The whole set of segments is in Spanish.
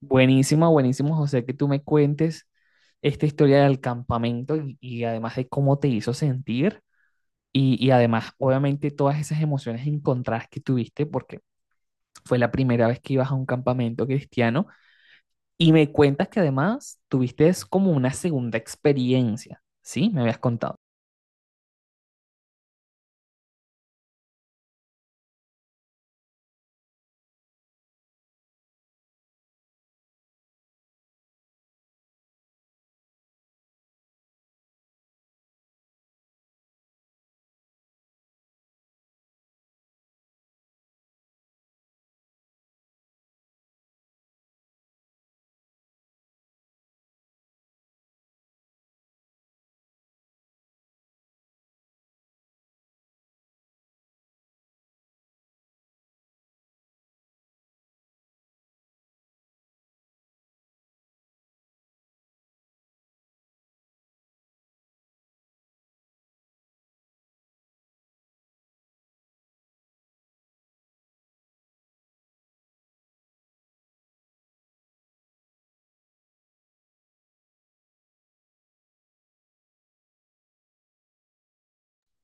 Buenísimo, buenísimo, José, que tú me cuentes esta historia del campamento y además de cómo te hizo sentir y además, obviamente, todas esas emociones encontradas que tuviste porque fue la primera vez que ibas a un campamento cristiano y me cuentas que además tuviste es como una segunda experiencia, ¿sí? Me habías contado.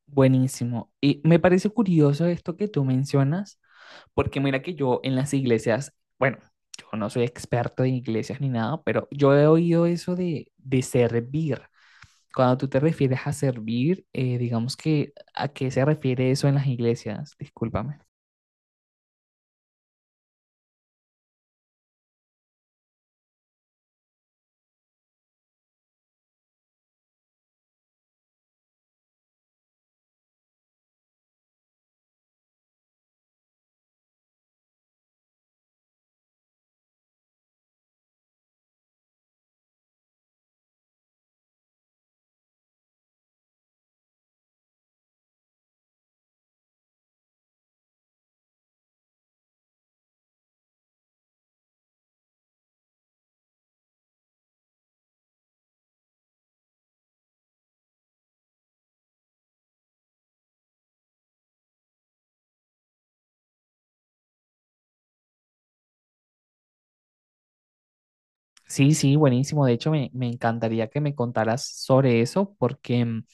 Buenísimo. Y me parece curioso esto que tú mencionas, porque mira que yo en las iglesias, bueno, yo no soy experto en iglesias ni nada, pero yo he oído eso de servir. Cuando tú te refieres a servir, digamos que, ¿a qué se refiere eso en las iglesias? Discúlpame. Sí, sí, buenísimo. De hecho, me encantaría que me contaras sobre eso porque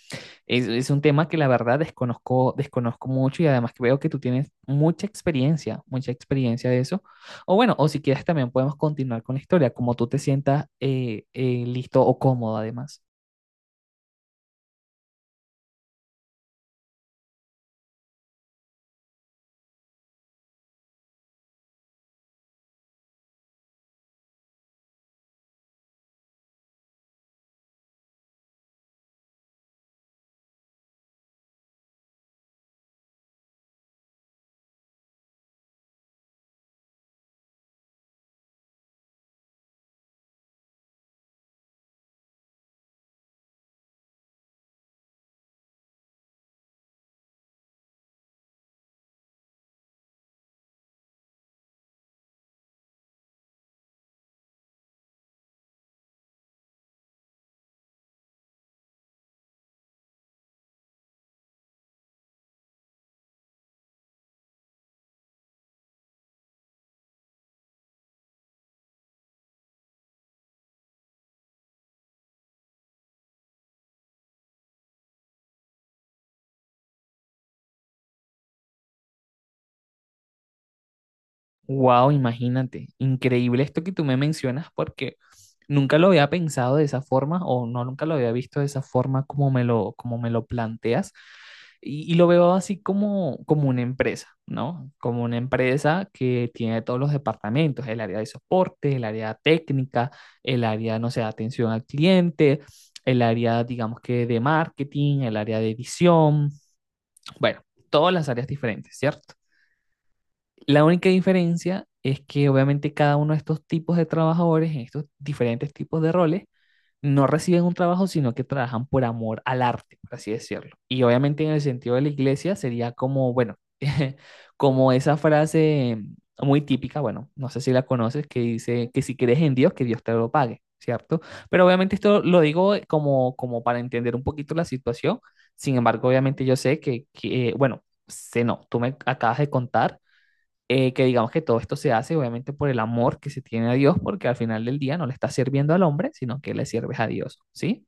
es un tema que la verdad desconozco, desconozco mucho y además que veo que tú tienes mucha experiencia de eso. O bueno, o si quieres también podemos continuar con la historia, como tú te sientas listo o cómodo además. Wow, imagínate, increíble esto que tú me mencionas porque nunca lo había pensado de esa forma o no, nunca lo había visto de esa forma como me como me lo planteas y lo veo así como, como una empresa, ¿no? Como una empresa que tiene todos los departamentos, el área de soporte, el área técnica, el área, no sé, de atención al cliente, el área, digamos que de marketing, el área de edición, bueno, todas las áreas diferentes, ¿cierto? La única diferencia es que obviamente cada uno de estos tipos de trabajadores, en estos diferentes tipos de roles, no reciben un trabajo, sino que trabajan por amor al arte, por así decirlo. Y obviamente en el sentido de la iglesia sería como, bueno, como esa frase muy típica, bueno, no sé si la conoces, que dice que si crees en Dios, que Dios te lo pague, ¿cierto? Pero obviamente esto lo digo como, como para entender un poquito la situación. Sin embargo, obviamente yo sé que bueno, sé no, tú me acabas de contar, que digamos que todo esto se hace obviamente por el amor que se tiene a Dios, porque al final del día no le estás sirviendo al hombre, sino que le sirves a Dios, ¿sí?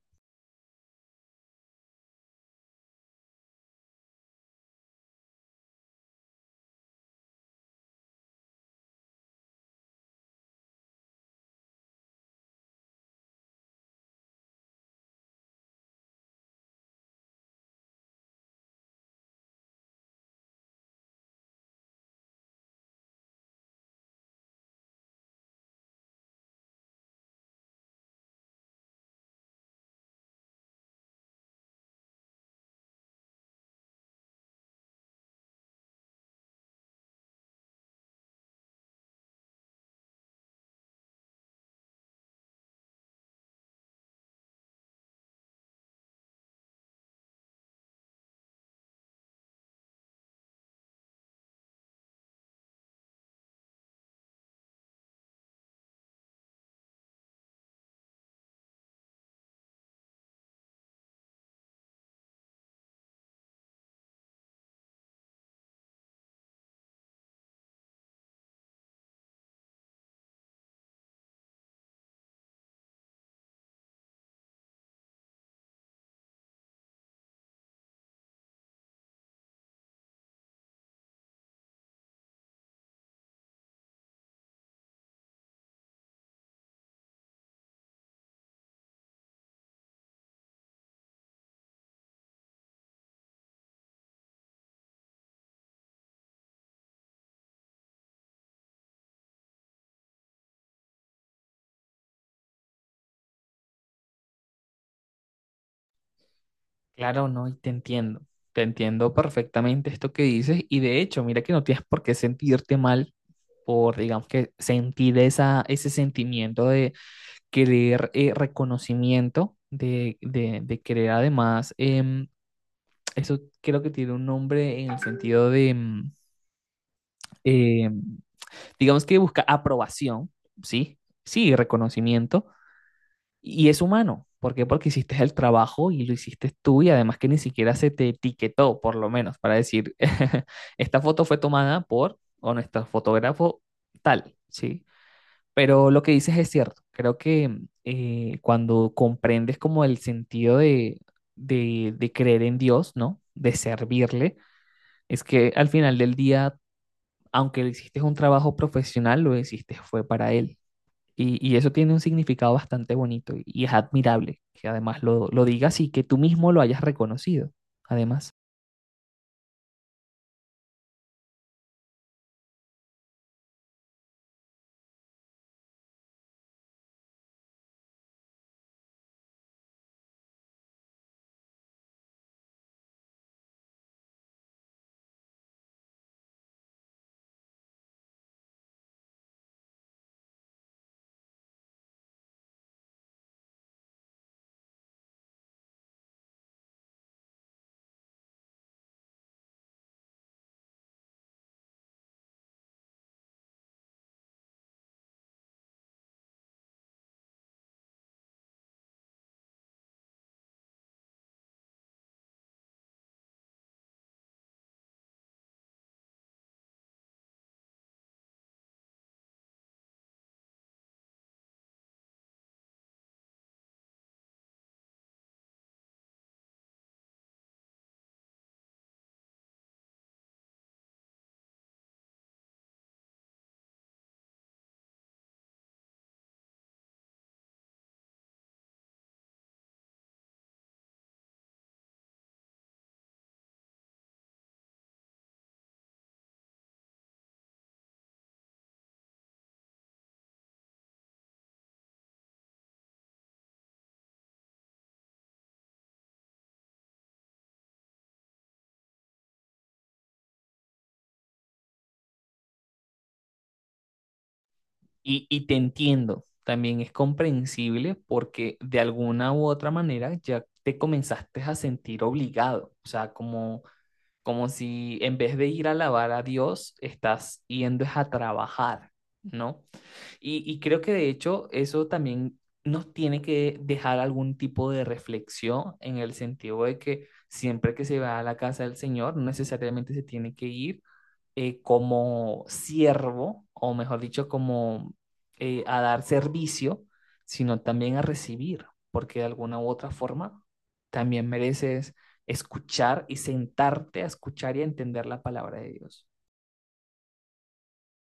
Claro, no, y te entiendo perfectamente esto que dices, y de hecho, mira que no tienes por qué sentirte mal por, digamos que, sentir esa, ese sentimiento de querer reconocimiento, querer además, eso creo que tiene un nombre en el sentido de... eh, digamos que busca aprobación, ¿sí? Sí, reconocimiento, y es humano. ¿Por qué? Porque hiciste el trabajo y lo hiciste tú y además que ni siquiera se te etiquetó, por lo menos, para decir, esta foto fue tomada por o nuestro fotógrafo tal, ¿sí? Pero lo que dices es cierto. Creo que cuando comprendes como el sentido de, creer en Dios, ¿no? De servirle, es que al final del día, aunque lo hiciste un trabajo profesional, lo hiciste fue para Él. Y eso tiene un significado bastante bonito y es admirable que además lo digas y que tú mismo lo hayas reconocido, además. Y te entiendo, también es comprensible porque de alguna u otra manera ya te comenzaste a sentir obligado, o sea, como, como si en vez de ir a alabar a Dios, estás yendo es a trabajar, ¿no? Y creo que de hecho eso también nos tiene que dejar algún tipo de reflexión en el sentido de que siempre que se va a la casa del Señor, no necesariamente se tiene que ir como siervo, o mejor dicho, como a dar servicio, sino también a recibir, porque de alguna u otra forma también mereces escuchar y sentarte a escuchar y a entender la palabra de Dios.